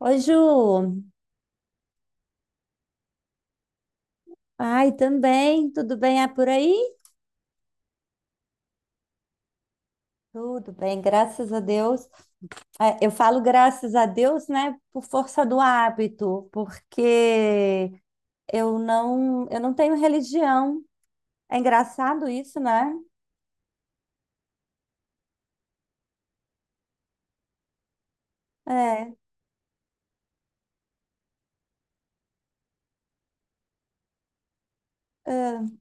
Oi, Ju. Ai, também. Tudo bem por aí? Tudo bem, graças a Deus. Eu falo graças a Deus, né, por força do hábito, porque eu não tenho religião. É engraçado isso, né? É. é,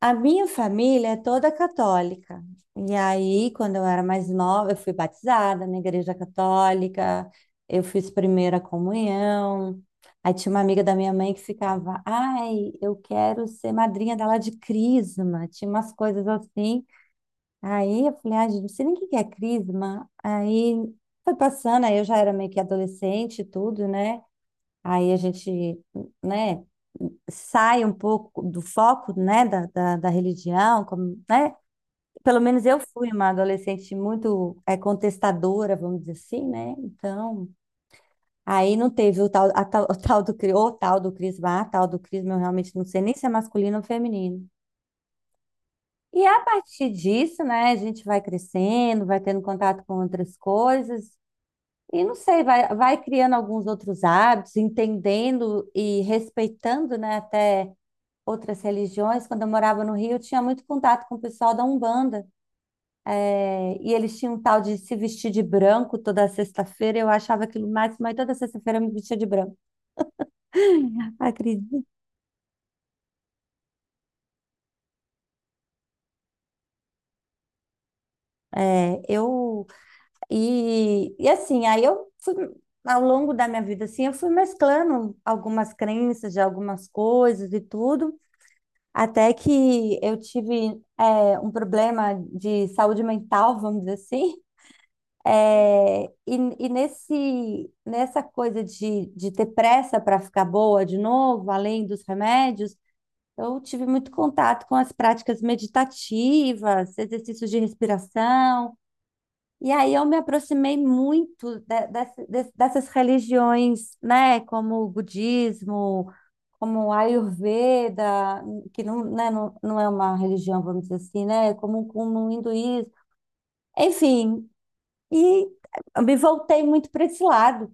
A minha família é toda católica. E aí, quando eu era mais nova, eu fui batizada na igreja católica, eu fiz primeira comunhão. Aí tinha uma amiga da minha mãe que ficava, ai, eu quero ser madrinha dela de crisma. Tinha umas coisas assim. Aí eu falei, ai, gente, não sei nem o que que é crisma. Aí foi passando, aí eu já era meio que adolescente e tudo, né? Aí a gente, né, sai um pouco do foco, né, da religião, como, né? Pelo menos eu fui uma adolescente muito contestadora, vamos dizer assim, né? Então, aí não teve o tal, a tal, o tal do crisma, a tal do crisma, eu realmente não sei nem se é masculino ou feminino. E a partir disso, né, a gente vai crescendo, vai tendo contato com outras coisas, e não sei, vai criando alguns outros hábitos, entendendo e respeitando, né, até outras religiões. Quando eu morava no Rio, eu tinha muito contato com o pessoal da Umbanda. E eles tinham um tal de se vestir de branco toda sexta-feira. Eu achava aquilo mais mas toda sexta-feira eu me vestia de branco. Acredito. Eu e assim, aí eu fui ao longo da minha vida assim, eu fui mesclando algumas crenças de algumas coisas e tudo, até que eu tive um problema de saúde mental, vamos dizer assim. É, e, e nessa coisa de ter pressa para ficar boa de novo, além dos remédios, eu tive muito contato com as práticas meditativas, exercícios de respiração, e aí eu me aproximei muito dessas religiões, né, como o budismo, como o Ayurveda, que não, né, não é uma religião, vamos dizer assim, né, como o hinduísmo, enfim. E eu me voltei muito para esse lado.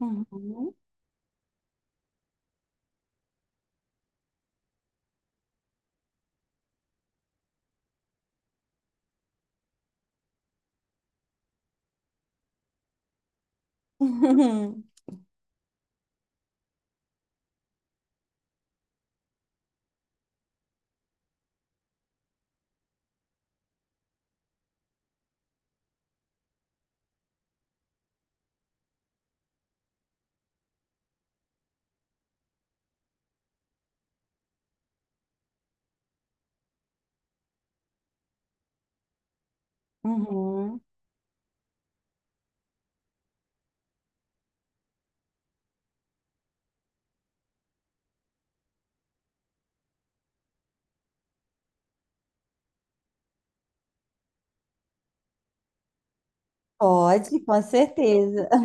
Uhum. Uhum. Uhum. Pode, com certeza.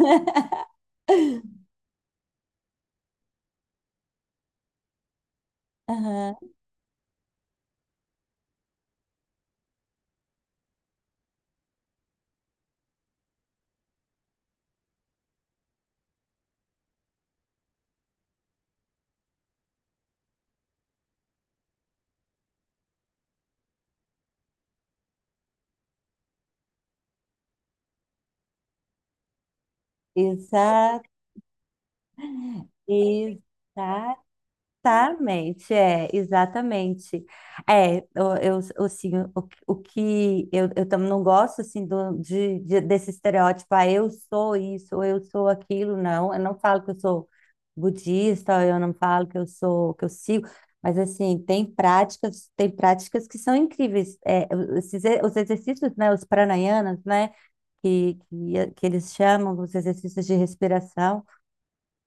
Aham. Exato, exato. Exatamente. É, assim, o que eu tam- não gosto, assim, desse estereótipo, ah, eu sou isso, ou eu sou aquilo, não. Eu não falo que eu sou budista, ou eu não falo que eu sou, que eu sigo, mas, assim, tem práticas que são incríveis. Esses e- os exercícios, né, os pranayanas, né, que eles chamam, os exercícios de respiração,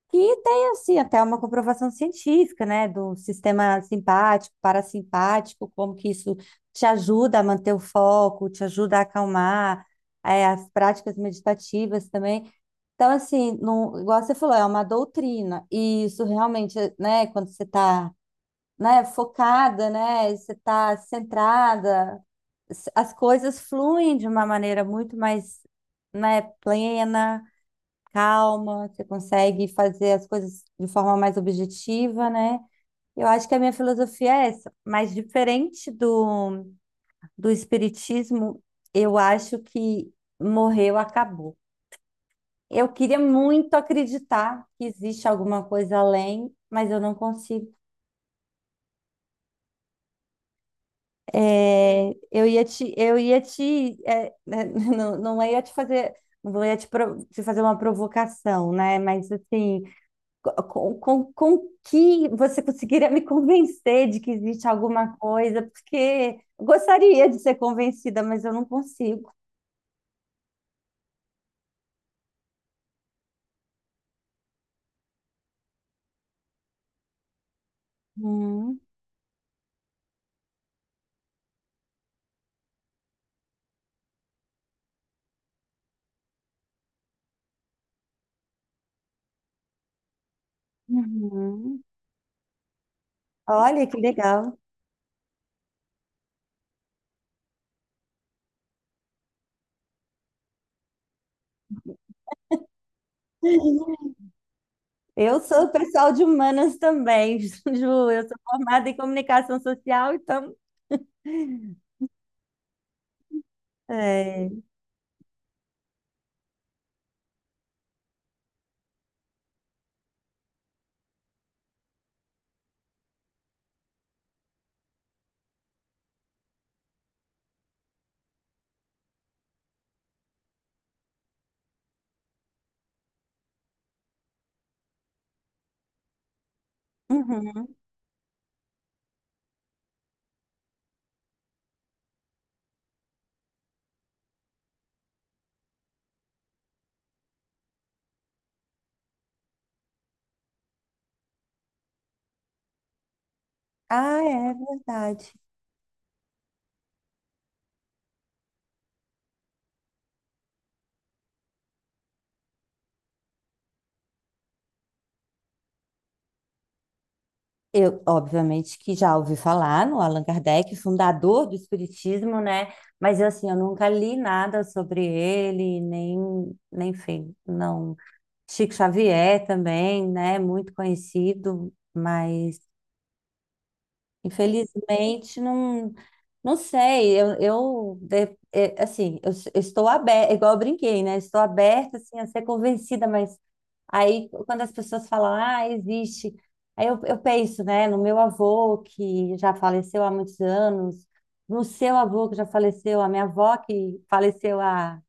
que tem assim até uma comprovação científica, né, do sistema simpático, parasimpático, como que isso te ajuda a manter o foco, te ajuda a acalmar, as práticas meditativas também. Então, assim, não, igual você falou, é uma doutrina, e isso realmente, né, quando você está, né, focada, né, você está centrada, as coisas fluem de uma maneira muito mais, né, plena calma, você consegue fazer as coisas de forma mais objetiva, né? Eu acho que a minha filosofia é essa, mas diferente do espiritismo, eu acho que morreu, acabou. Eu queria muito acreditar que existe alguma coisa além, mas eu não consigo. É, eu ia te, é, né, não ia te fazer, não ia te, pro- te fazer uma provocação, né? Mas assim, com que você conseguiria me convencer de que existe alguma coisa, porque eu gostaria de ser convencida, mas eu não consigo. Uhum, uhum. Olha que legal. Eu sou pessoal de humanas também, Ju. Eu sou formada em comunicação social, então. É. Uhum. Ah, é verdade. Eu, obviamente, que já ouvi falar no Allan Kardec, fundador do Espiritismo, né? Mas eu, assim, eu nunca li nada sobre ele, nem, nem, enfim, não. Chico Xavier também, né? Muito conhecido, mas infelizmente, não, não sei. Assim, eu estou aberta, igual eu brinquei, né? Estou aberta assim, a ser convencida, mas aí quando as pessoas falam, ah, existe, aí eu penso, né, no meu avô, que já faleceu há muitos anos, no seu avô, que já faleceu, a minha avó, que faleceu há,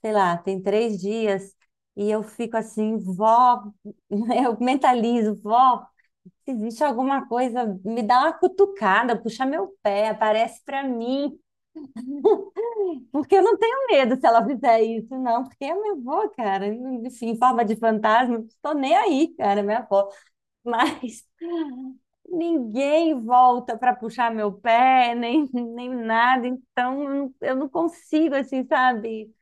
sei lá, tem três dias, e eu fico assim, vó, eu mentalizo, vó. Se existe alguma coisa, me dá uma cutucada, puxa meu pé, aparece pra mim, porque eu não tenho medo se ela fizer isso, não, porque é minha avó, cara, enfim, em forma de fantasma, não tô nem aí, cara, é minha avó, mas ninguém volta pra puxar meu pé, nem nada, então eu não consigo, assim, sabe.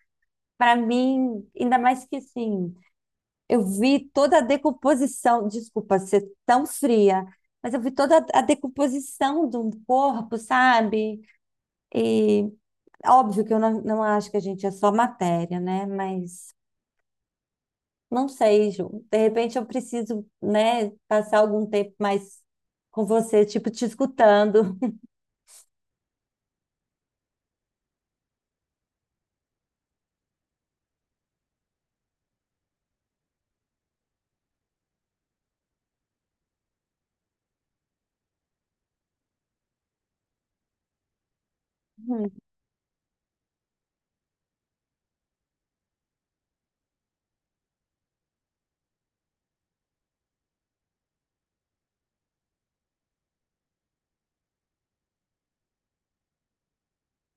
Pra mim, ainda mais que, assim, eu vi toda a decomposição, desculpa ser tão fria, mas eu vi toda a decomposição de um corpo, sabe? E óbvio que eu não, não acho que a gente é só matéria, né? Mas não sei, Ju. De repente eu preciso, né, passar algum tempo mais com você, tipo, te escutando. Uhum.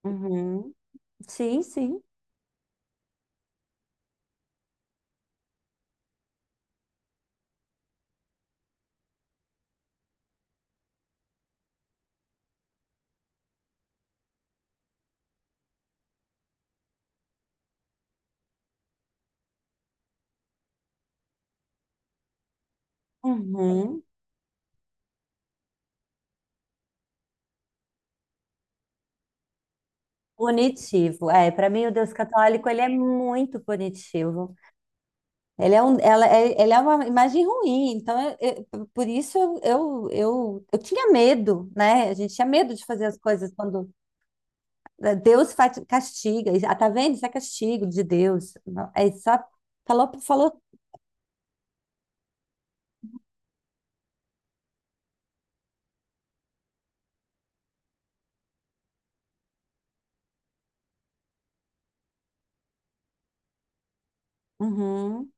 Uhum. Sim, sim. Uhum. Punitivo. É, para mim o Deus católico ele é muito punitivo. Ele é, um, ela, ele é uma imagem ruim, então por isso eu tinha medo, né? A gente tinha medo de fazer as coisas quando Deus faz, castiga. E, ah, tá vendo? Isso é castigo de Deus. Não, é só falou, falou, uhum,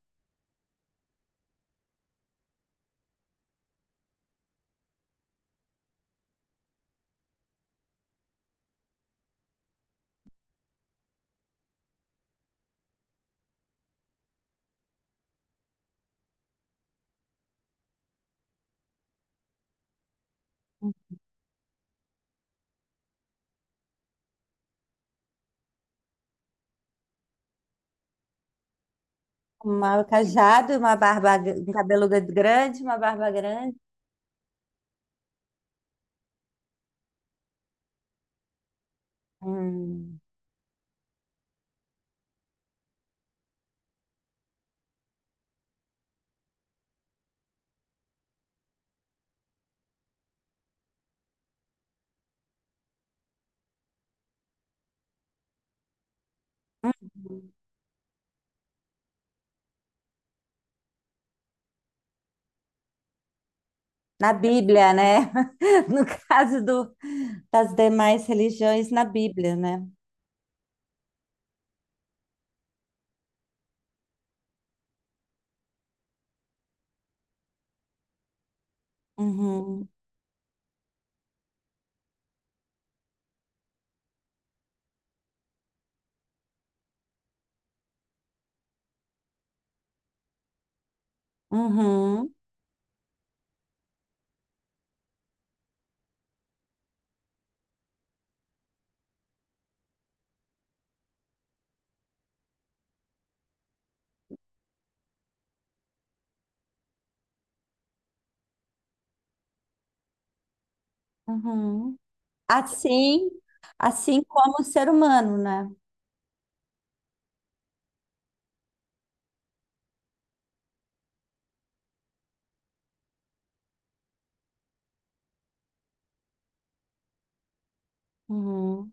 uma cajado, uma barba, um cabelo grande, uma barba grande. Hum, uhum. Na Bíblia, né? No caso do, das demais religiões, na Bíblia, né? Uhum, uhum, uhum. Assim, assim como o ser humano, né? Uhum.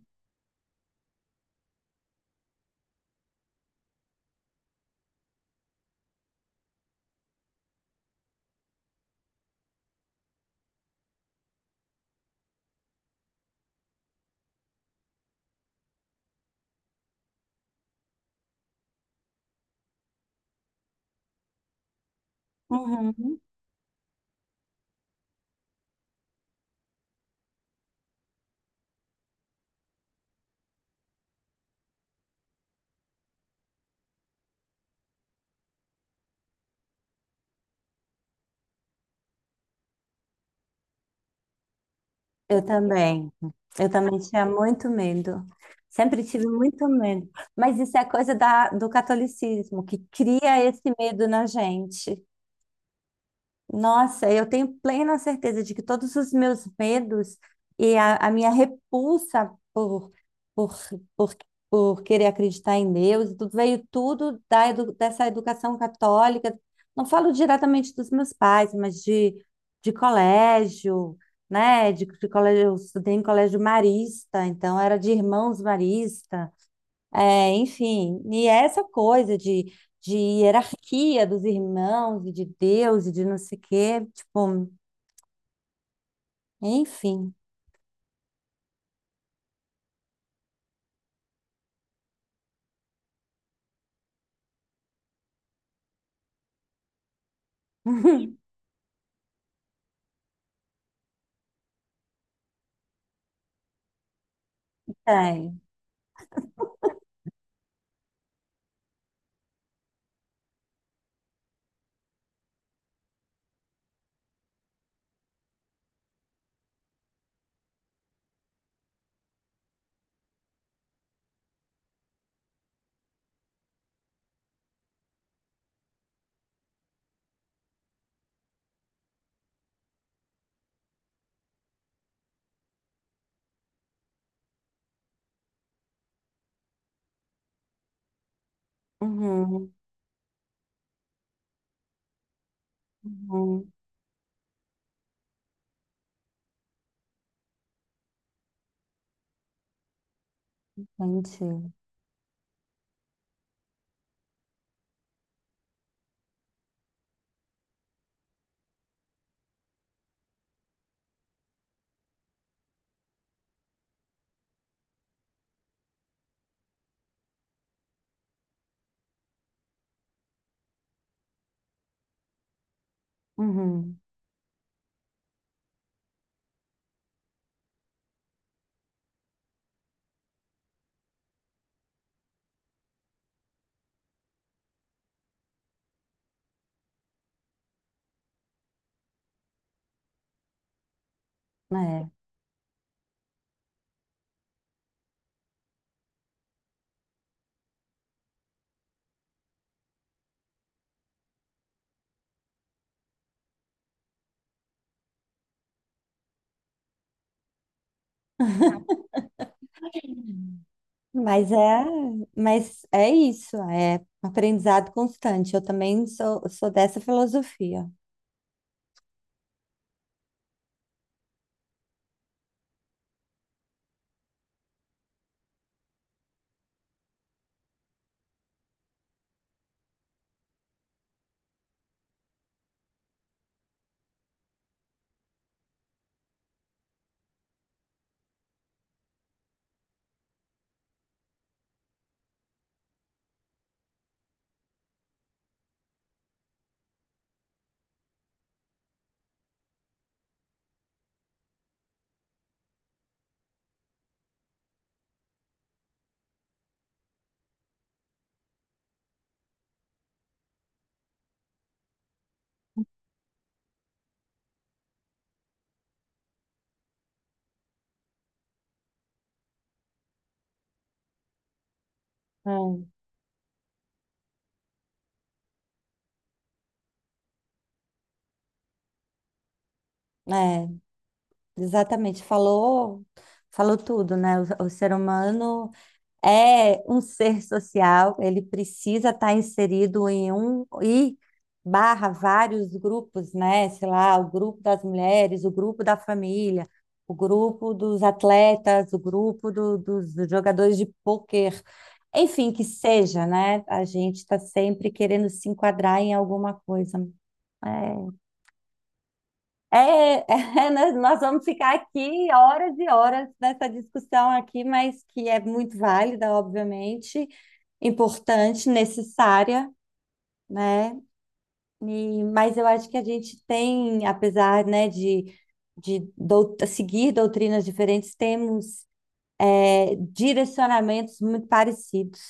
Uhum. Eu também. Eu também tinha muito medo. Sempre tive muito medo. Mas isso é coisa do catolicismo, que cria esse medo na gente. Nossa, eu tenho plena certeza de que todos os meus medos e a minha repulsa por, por, por querer acreditar em Deus, tudo veio tudo dessa educação católica. Não falo diretamente dos meus pais, mas de colégio, né? De colégio, eu estudei em colégio marista, então era de irmãos maristas. É, enfim, e essa coisa de hierarquia dos irmãos e de Deus e de não sei o quê, tipo, enfim. Tem. Uhum, uhum, entendi. Uhum, é. Mas é, mas é isso, é aprendizado constante. Eu também sou dessa filosofia. Hum, É, exatamente. Falou, falou tudo, né? O ser humano é um ser social, ele precisa estar inserido em um e barra vários grupos, né? Sei lá, o grupo das mulheres, o grupo da família, o grupo dos atletas, o grupo dos jogadores de pôquer, enfim, que seja, né? A gente está sempre querendo se enquadrar em alguma coisa. É, é, é, nós vamos ficar aqui horas e horas nessa discussão aqui, mas que é muito válida, obviamente, importante, necessária, né? E, mas eu acho que a gente tem, apesar, né, seguir doutrinas diferentes, temos direcionamentos muito parecidos.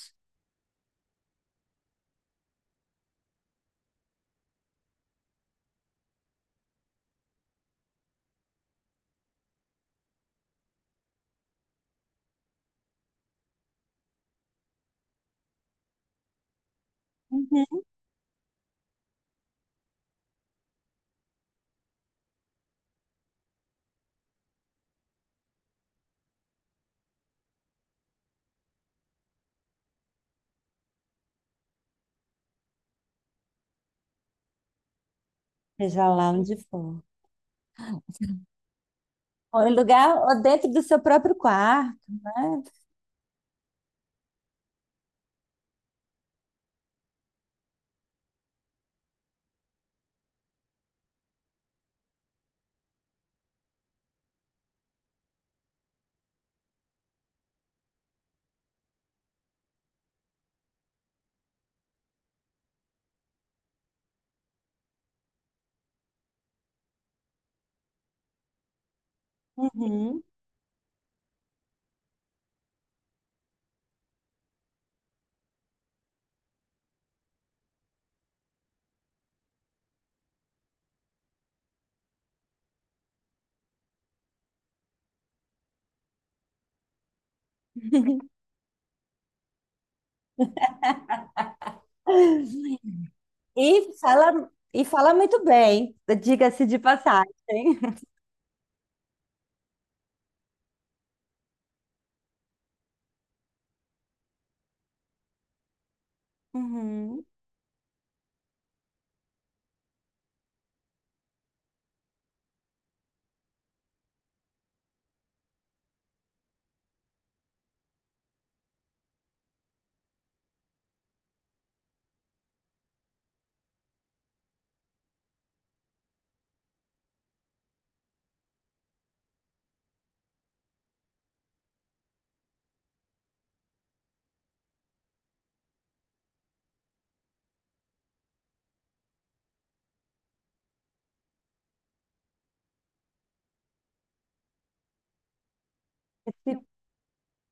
Uhum. Seja lá onde for. Ou em lugar, ou dentro do seu próprio quarto, né? Uhum. E fala muito bem, diga-se de passagem. Uhum.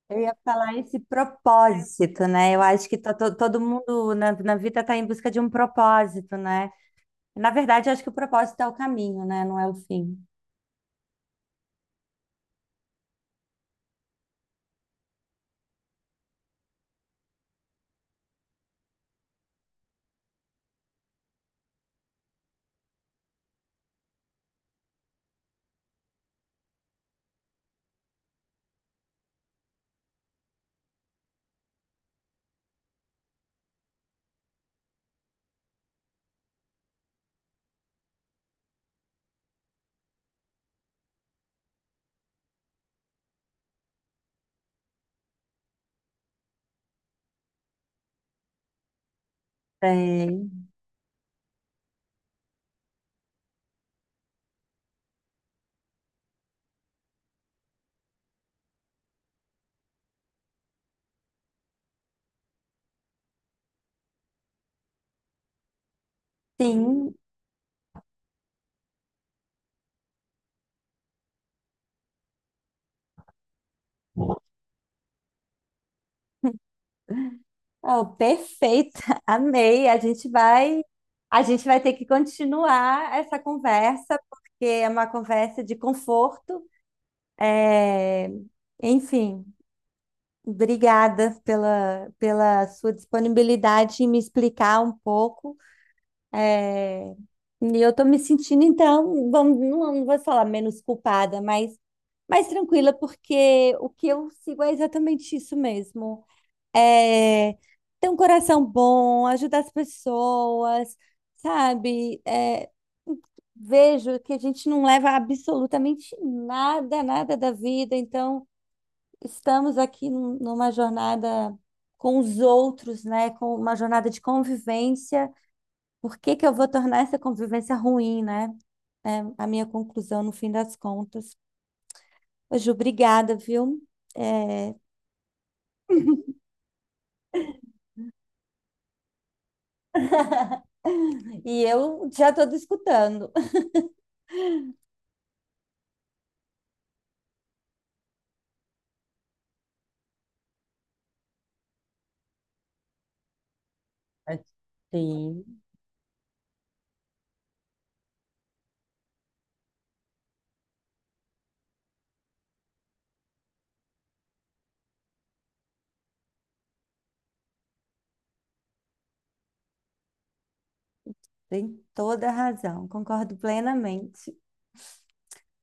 Eu ia falar esse propósito, né? Eu acho que todo mundo na vida está em busca de um propósito, né? Na verdade, eu acho que o propósito é o caminho, né? Não é o fim. É, sim, oh, perfeita, amei. A gente vai ter que continuar essa conversa, porque é uma conversa de conforto. É, enfim, obrigada pela sua disponibilidade em me explicar um pouco. É, e eu estou me sentindo, então, vamos, não vou falar menos culpada, mas mais tranquila, porque o que eu sigo é exatamente isso mesmo. É, ter um coração bom, ajudar as pessoas, sabe? É, vejo que a gente não leva absolutamente nada, nada da vida, então estamos aqui numa jornada com os outros, né? Com uma jornada de convivência. Por que que eu vou tornar essa convivência ruim, né? É a minha conclusão no fim das contas. Ô, Ju, obrigada, viu? É, e eu já estou escutando. Sim. Tem toda a razão, concordo plenamente.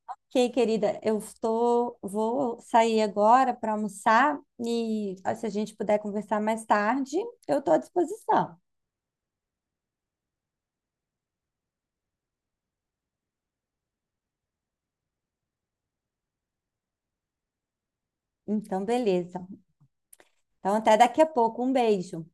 Ok, querida, vou sair agora para almoçar e se a gente puder conversar mais tarde, eu estou à disposição. Então, beleza. Então, até daqui a pouco. Um beijo.